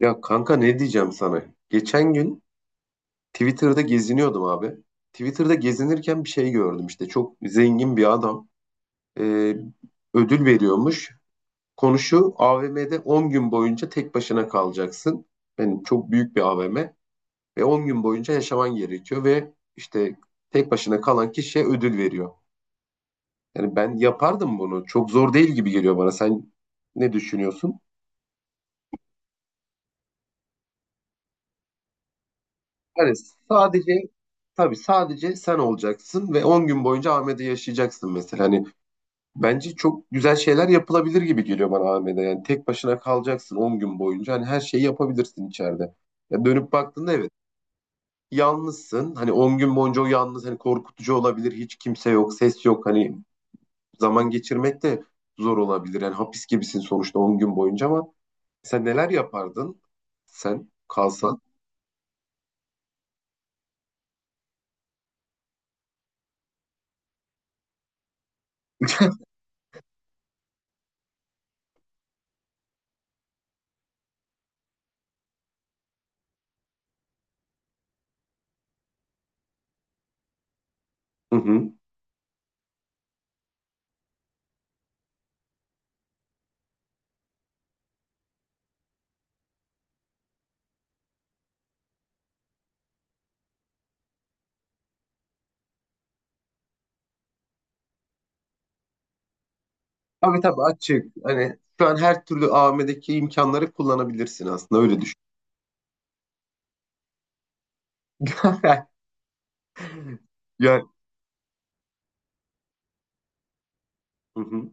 Ya kanka ne diyeceğim sana? Geçen gün Twitter'da geziniyordum abi. Twitter'da gezinirken bir şey gördüm işte. Çok zengin bir adam e, ödül veriyormuş. Konuşu AVM'de 10 gün boyunca tek başına kalacaksın. Yani çok büyük bir AVM ve 10 gün boyunca yaşaman gerekiyor ve işte tek başına kalan kişiye ödül veriyor. Yani ben yapardım bunu. Çok zor değil gibi geliyor bana. Sen ne düşünüyorsun? Hani sadece tabii sadece sen olacaksın ve 10 gün boyunca Ahmet'e yaşayacaksın mesela. Hani bence çok güzel şeyler yapılabilir gibi geliyor bana Ahmet'e. Yani tek başına kalacaksın 10 gün boyunca. Hani her şeyi yapabilirsin içeride. Ya dönüp baktığında evet yalnızsın. Hani 10 gün boyunca o yalnız hani korkutucu olabilir. Hiç kimse yok, ses yok. Hani zaman geçirmek de zor olabilir. Yani hapis gibisin sonuçta 10 gün boyunca ama sen neler yapardın? Sen kalsan. Hı hı. Tabii tabii açık. Hani şu an her türlü AVM'deki imkanları kullanabilirsin aslında öyle düşün. Ya, hı hı.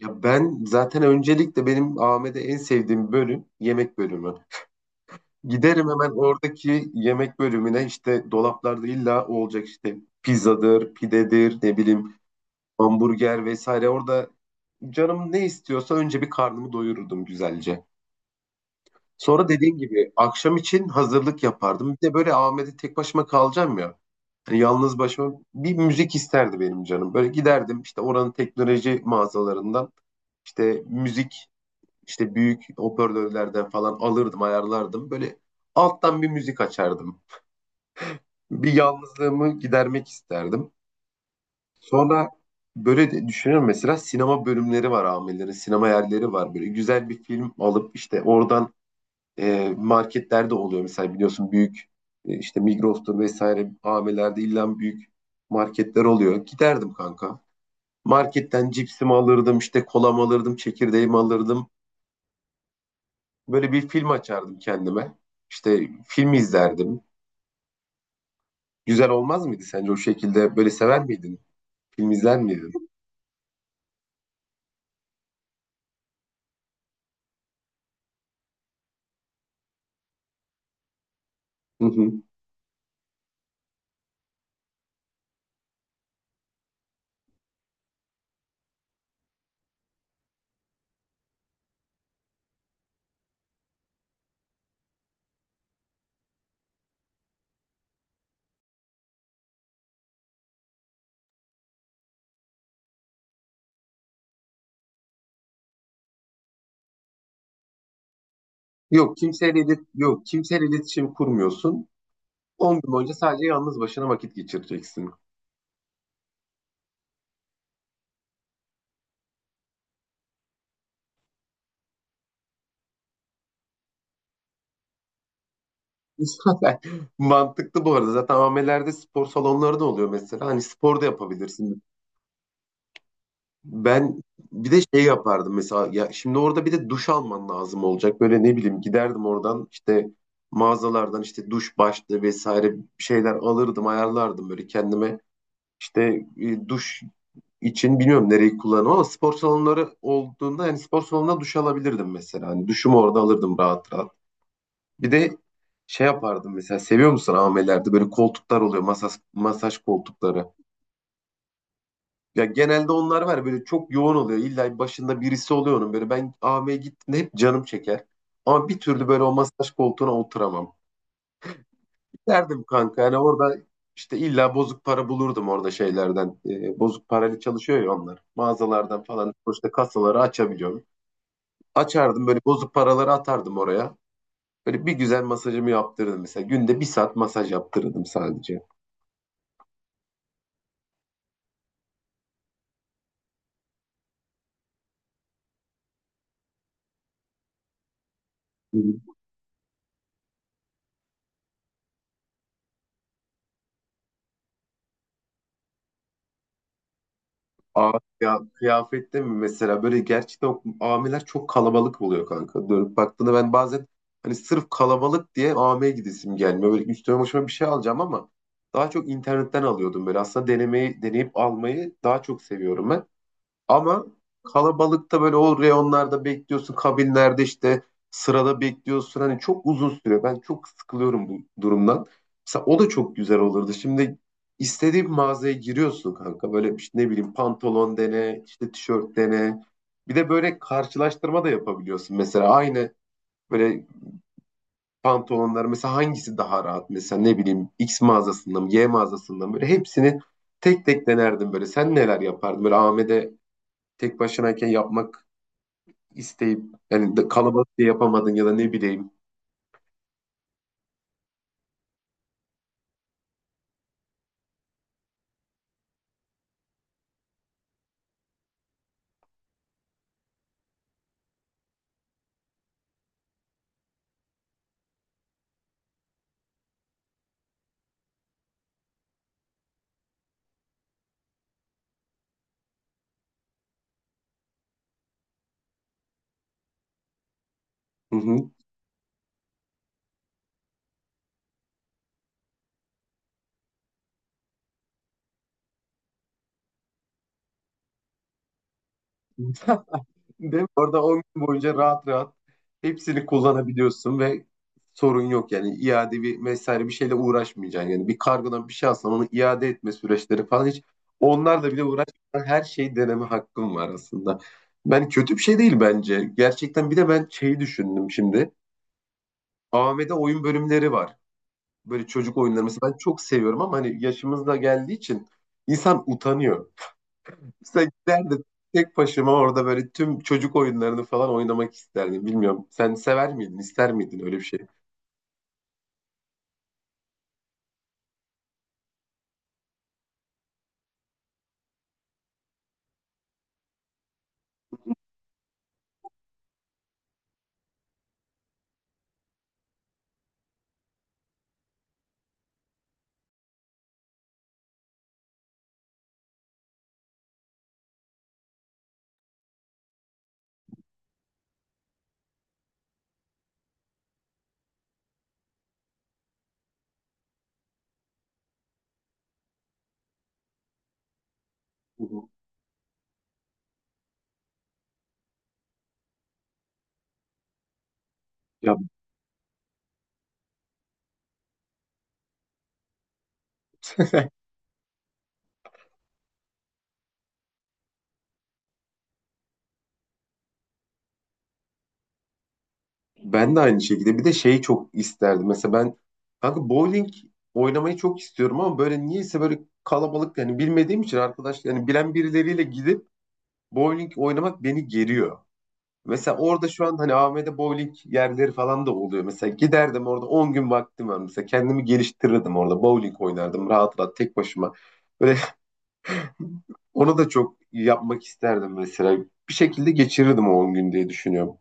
Ya ben zaten öncelikle benim AVM'de en sevdiğim bölüm yemek bölümü. Giderim hemen oradaki yemek bölümüne işte dolaplarda illa o olacak işte pizzadır, pidedir, ne bileyim hamburger vesaire. Orada canım ne istiyorsa önce bir karnımı doyururdum güzelce. Sonra dediğim gibi akşam için hazırlık yapardım. Bir de böyle AVM'de tek başıma kalacağım ya. Yani yalnız başıma bir müzik isterdi benim canım. Böyle giderdim işte oranın teknoloji mağazalarından işte müzik işte büyük hoparlörlerden falan alırdım ayarlardım. Böyle alttan bir müzik açardım. Bir yalnızlığımı gidermek isterdim. Sonra böyle de düşünüyorum mesela sinema bölümleri var amirlerin sinema yerleri var. Böyle güzel bir film alıp işte oradan marketlerde oluyor mesela biliyorsun büyük işte Migros'tur vesaire AVM'lerde illa büyük marketler oluyor. Giderdim kanka. Marketten cipsimi alırdım, işte kolamı alırdım, çekirdeğimi alırdım. Böyle bir film açardım kendime. İşte film izlerdim. Güzel olmaz mıydı sence o şekilde? Böyle sever miydin? Film izler miydin? Hı hı. Yok kimseyle iletişim kurmuyorsun. 10 gün boyunca sadece yalnız başına vakit geçireceksin. Zaten mantıklı bu arada. Zaten AVM'lerde spor salonları da oluyor mesela. Hani spor da yapabilirsin. Ben bir de şey yapardım mesela. Ya şimdi orada bir de duş alman lazım olacak. Böyle ne bileyim giderdim oradan işte mağazalardan işte duş başlığı vesaire bir şeyler alırdım, ayarlardım böyle kendime. İşte duş için bilmiyorum nereyi kullanırım ama spor salonları olduğunda yani spor salonuna duş alabilirdim mesela. Hani duşumu orada alırdım rahat rahat. Bir de şey yapardım mesela seviyor musun amelerde böyle koltuklar oluyor masaj, masaj koltukları. Ya genelde onlar var ya, böyle çok yoğun oluyor. İlla başında birisi oluyor onun böyle ben AM'ye gittiğimde hep canım çeker. Ama bir türlü böyle o masaj koltuğuna oturamam. Derdim kanka yani orada işte illa bozuk para bulurdum orada şeylerden. Bozuk parayla çalışıyor ya onlar. Mağazalardan falan işte kasaları açabiliyorum. Açardım böyle bozuk paraları atardım oraya. Böyle bir güzel masajımı yaptırırdım mesela. Günde bir saat masaj yaptırırdım sadece. Aa, ya, kıyafette mi mesela böyle gerçekten o amiler çok kalabalık oluyor kanka. Dönüp baktığında ben bazen hani sırf kalabalık diye AM'ye gidesim gelmiyor. Böyle üstüme başıma bir şey alacağım ama daha çok internetten alıyordum böyle. Aslında deneyip almayı daha çok seviyorum ben. Ama kalabalıkta böyle o reyonlarda bekliyorsun, kabinlerde işte sırada bekliyorsun. Hani çok uzun sürüyor. Ben çok sıkılıyorum bu durumdan. Mesela o da çok güzel olurdu. Şimdi istediğin mağazaya giriyorsun kanka. Böyle işte ne bileyim pantolon dene, işte tişört dene. Bir de böyle karşılaştırma da yapabiliyorsun. Mesela aynı böyle pantolonlar mesela hangisi daha rahat? Mesela ne bileyim X mağazasından mı, Y mağazasından mı? Böyle hepsini tek tek denerdim böyle. Sen neler yapardın? Böyle Ahmet'e tek başınayken yapmak isteyip yani kalabalık diye yapamadın ya da ne bileyim. Hı hı. Değil mi? Orada 10 gün boyunca rahat rahat hepsini kullanabiliyorsun ve sorun yok yani iade bir vesaire bir şeyle uğraşmayacaksın. Yani bir kargodan bir şey alsan onu iade etme süreçleri falan hiç onlarla bile uğraşmadan her şeyi deneme hakkım var aslında. Ben kötü bir şey değil bence. Gerçekten bir de ben şeyi düşündüm şimdi. AVM'de oyun bölümleri var. Böyle çocuk oyunları mesela ben çok seviyorum ama hani yaşımız da geldiği için insan utanıyor. Sen giderdim. Tek başıma orada böyle tüm çocuk oyunlarını falan oynamak isterdim. Bilmiyorum. Sen sever miydin, ister miydin öyle bir şey? Hı hı. Ya ben de aynı şekilde. Bir de şeyi çok isterdim. Mesela ben kanka bowling oynamayı çok istiyorum ama böyle niyeyse böyle kalabalık yani bilmediğim için arkadaş yani bilen birileriyle gidip bowling oynamak beni geriyor. Mesela orada şu an hani AVM'de bowling yerleri falan da oluyor. Mesela giderdim orada 10 gün vaktim var. Mesela kendimi geliştirirdim orada. Bowling oynardım rahat rahat tek başıma. Böyle onu da çok yapmak isterdim mesela. Bir şekilde geçirirdim o 10 gün diye düşünüyorum.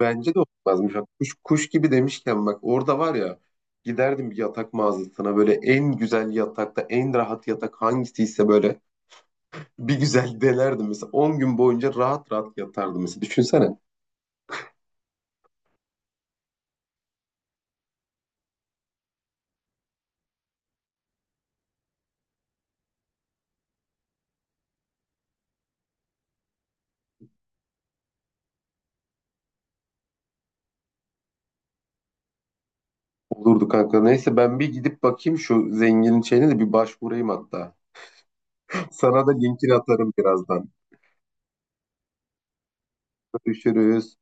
Bence de olmazmış. Kuş gibi demişken bak orada var ya giderdim bir yatak mağazasına böyle en güzel yatakta en rahat yatak hangisiyse böyle bir güzel delerdim mesela 10 gün boyunca rahat rahat yatardım mesela. Düşünsene. Olurdu kanka. Neyse ben bir gidip bakayım şu zenginin şeyine de bir başvurayım hatta. Sana da linkini atarım birazdan. Görüşürüz.